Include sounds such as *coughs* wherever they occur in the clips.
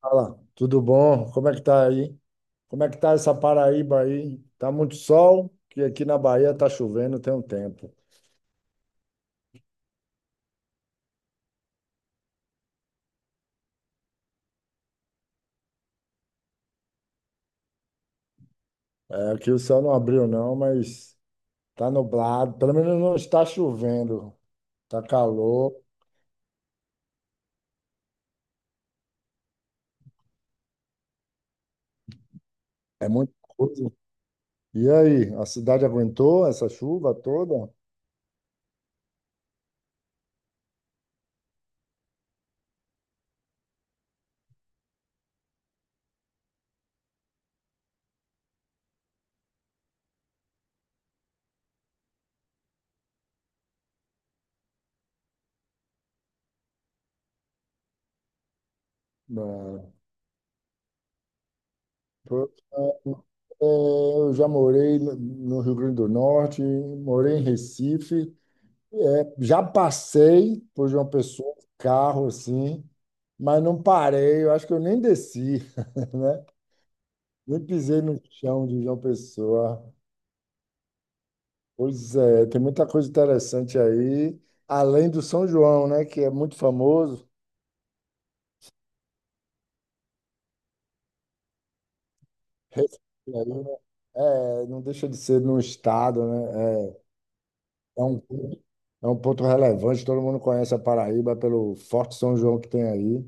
Fala, tudo bom? Como é que tá aí? Como é que tá essa Paraíba aí? Tá muito sol, que aqui na Bahia tá chovendo tem um tempo. É, aqui o céu não abriu não, mas tá nublado. Pelo menos não está chovendo. Tá calor, é muito coisa. E aí, a cidade aguentou essa chuva toda? Não. Pô, é, eu já morei no Rio Grande do Norte, morei em Recife. É, já passei por João Pessoa, carro assim, mas não parei. Eu acho que eu nem desci, *laughs* né? Nem pisei no chão de João Pessoa. Pois é, tem muita coisa interessante aí, além do São João, né? Que é muito famoso. Recife aí, né? É, não deixa de ser no estado, né? É, é um, é um ponto relevante. Todo mundo conhece a Paraíba pelo Forte São João que tem aí.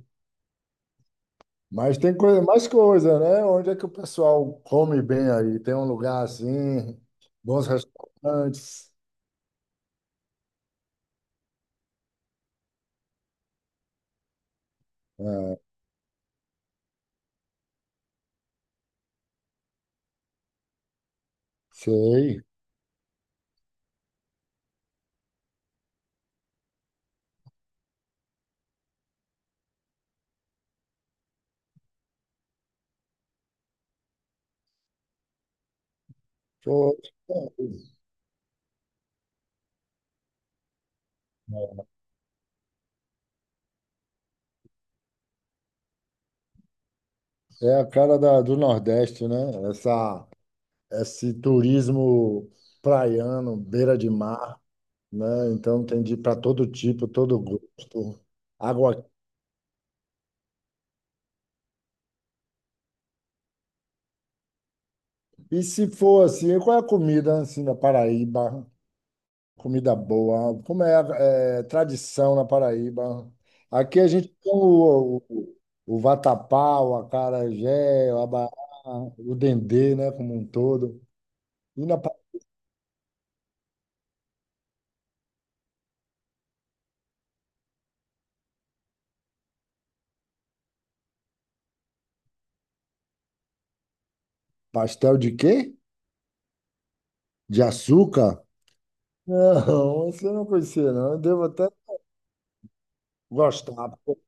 Mas tem coisa, mais coisa, né? Onde é que o pessoal come bem aí? Tem um lugar assim, bons restaurantes. É, sei. Pô, é a cara do Nordeste, né? Essa, esse turismo praiano, beira de mar, né? Então tem de para todo tipo, todo gosto. Água. E se for assim, qual é a comida assim da Paraíba? Comida boa, como é, tradição na Paraíba. Aqui a gente tem o vatapá, o acarajé, o abará, o dendê, né, como um todo. E na pa- Pastel de quê? De açúcar? Não, você não conhecia, não. Eu devo até gostar. Pô.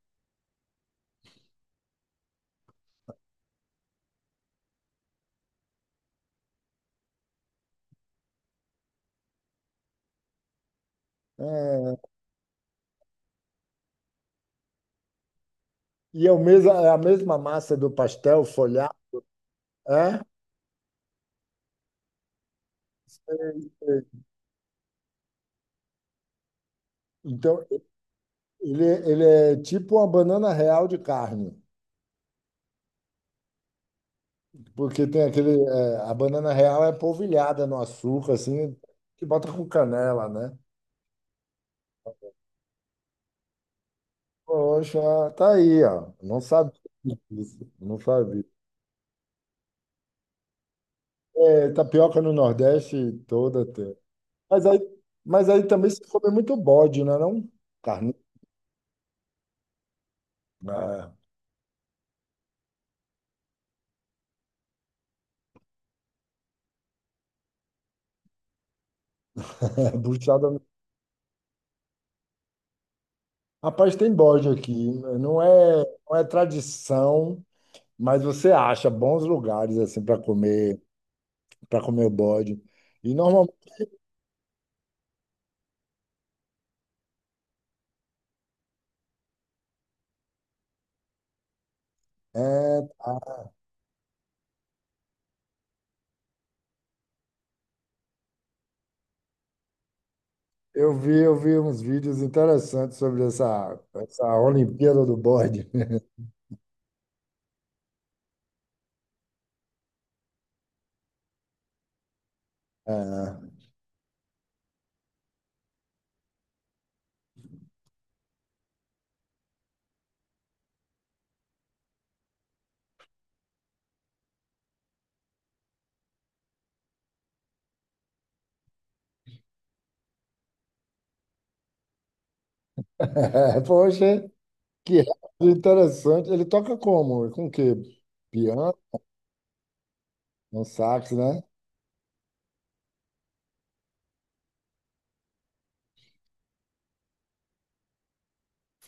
É, é a mesma massa do pastel folhado, é? Sei, sei. Então, ele é tipo uma banana real de carne. Porque tem aquele, a banana real é polvilhada no açúcar, assim, que bota com canela, né? Poxa, tá aí, ó. Não sabia disso. Não sabia. É, tapioca no Nordeste toda tem. Mas aí, mas aí também se come muito bode, né? Não? Carne, né? É, *laughs* buchada. Rapaz, tem bode aqui. Não é, não é tradição, mas você acha bons lugares assim para comer o bode. E normalmente. é, eu vi uns vídeos interessantes sobre essa Olimpíada do Bode. É. *laughs* Poxa, que rádio interessante. Ele toca como? Com o quê? Piano? Um sax, né?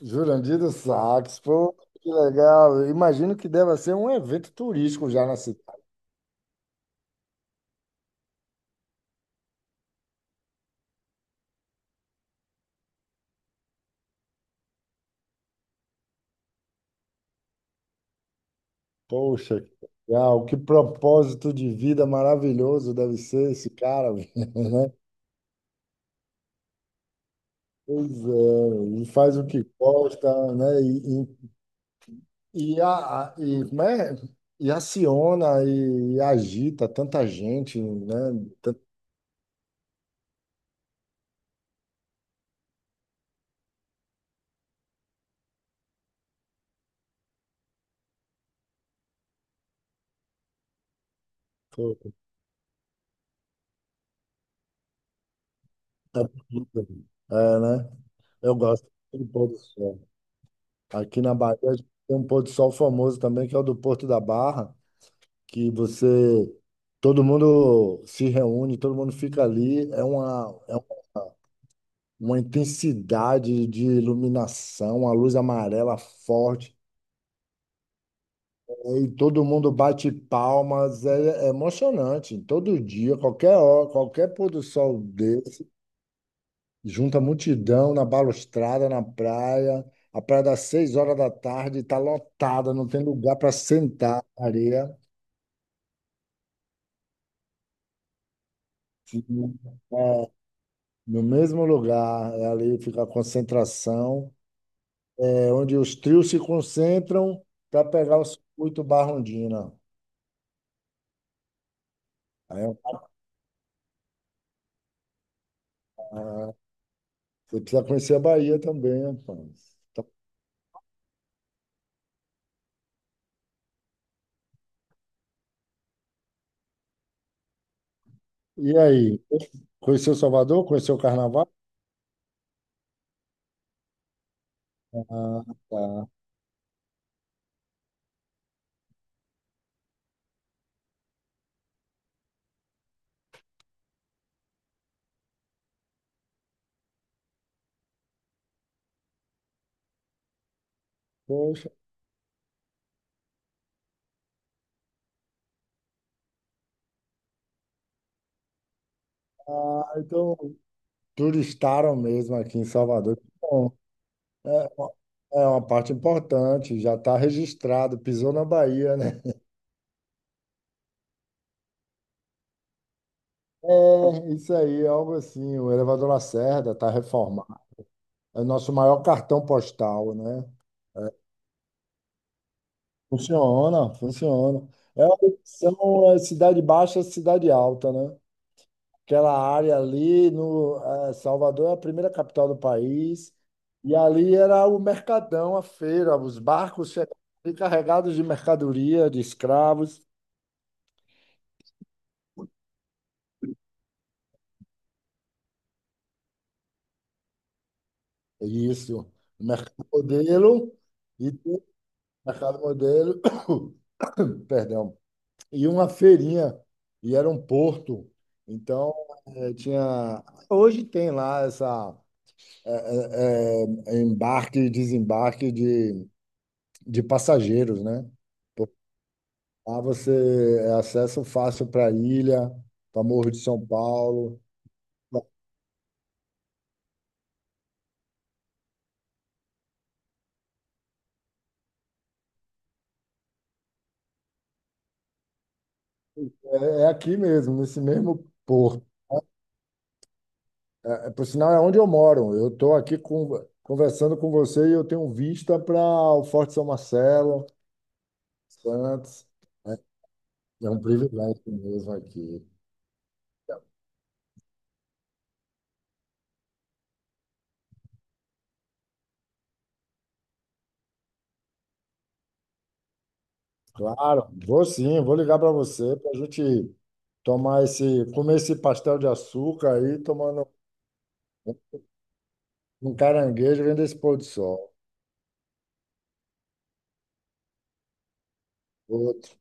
Jurandir do sax. Pô, que legal. Imagino que deva ser um evento turístico já na cidade. Poxa, que legal. Que propósito de vida maravilhoso deve ser esse cara, *laughs* né? Pois é, ele faz o que gosta, né? E E, como é? E aciona e, agita tanta gente, né? Tanto, é, né? Eu gosto do pôr do sol. Aqui na Bahia a gente tem um pôr do sol famoso também, que é o do Porto da Barra, que você, todo mundo se reúne, todo mundo fica ali. É uma intensidade de iluminação, a luz amarela forte. E todo mundo bate palmas, é emocionante. Todo dia, qualquer hora, qualquer pôr do sol desse, junta multidão na balustrada, na praia. A praia das 6 horas da tarde está lotada, não tem lugar para sentar na areia. E, é, No mesmo lugar, é ali fica a concentração, é onde os trios se concentram para pegar o circuito Barrondina. Aí, você precisa conhecer a Bahia também, rapaz. Então. E aí, conheceu Salvador? Conheceu o Carnaval? Ah, tá. Poxa, ah, então turistaram mesmo aqui em Salvador. Bom, é, uma- é uma parte importante, já está registrado, pisou na Bahia, né? É, isso aí, é algo assim. O Elevador Lacerda está reformado. É o nosso maior cartão postal, né? Funciona, funciona. É uma opção, é cidade baixa, cidade alta, né? Aquela área ali, no eh, Salvador é a primeira capital do país e ali era o mercadão, a feira, os barcos chegavam ali carregados de mercadoria, de escravos, isso, o mercado modelo e o mercado modelo, *coughs* perdão, e uma feirinha e era um porto, então eh, tinha hoje tem lá essa embarque e desembarque de passageiros, né? Lá você é acesso fácil para a ilha, para Morro de São Paulo. É, é aqui mesmo, nesse mesmo porto. É, por sinal, é onde eu moro. Eu estou aqui conversando com você e eu tenho vista para o Forte São Marcelo, Santos. É, é um privilégio mesmo aqui. Claro, vou sim, vou ligar para você para a gente comer esse pastel de açúcar aí, tomando um caranguejo, vendo esse pôr do sol. Outro.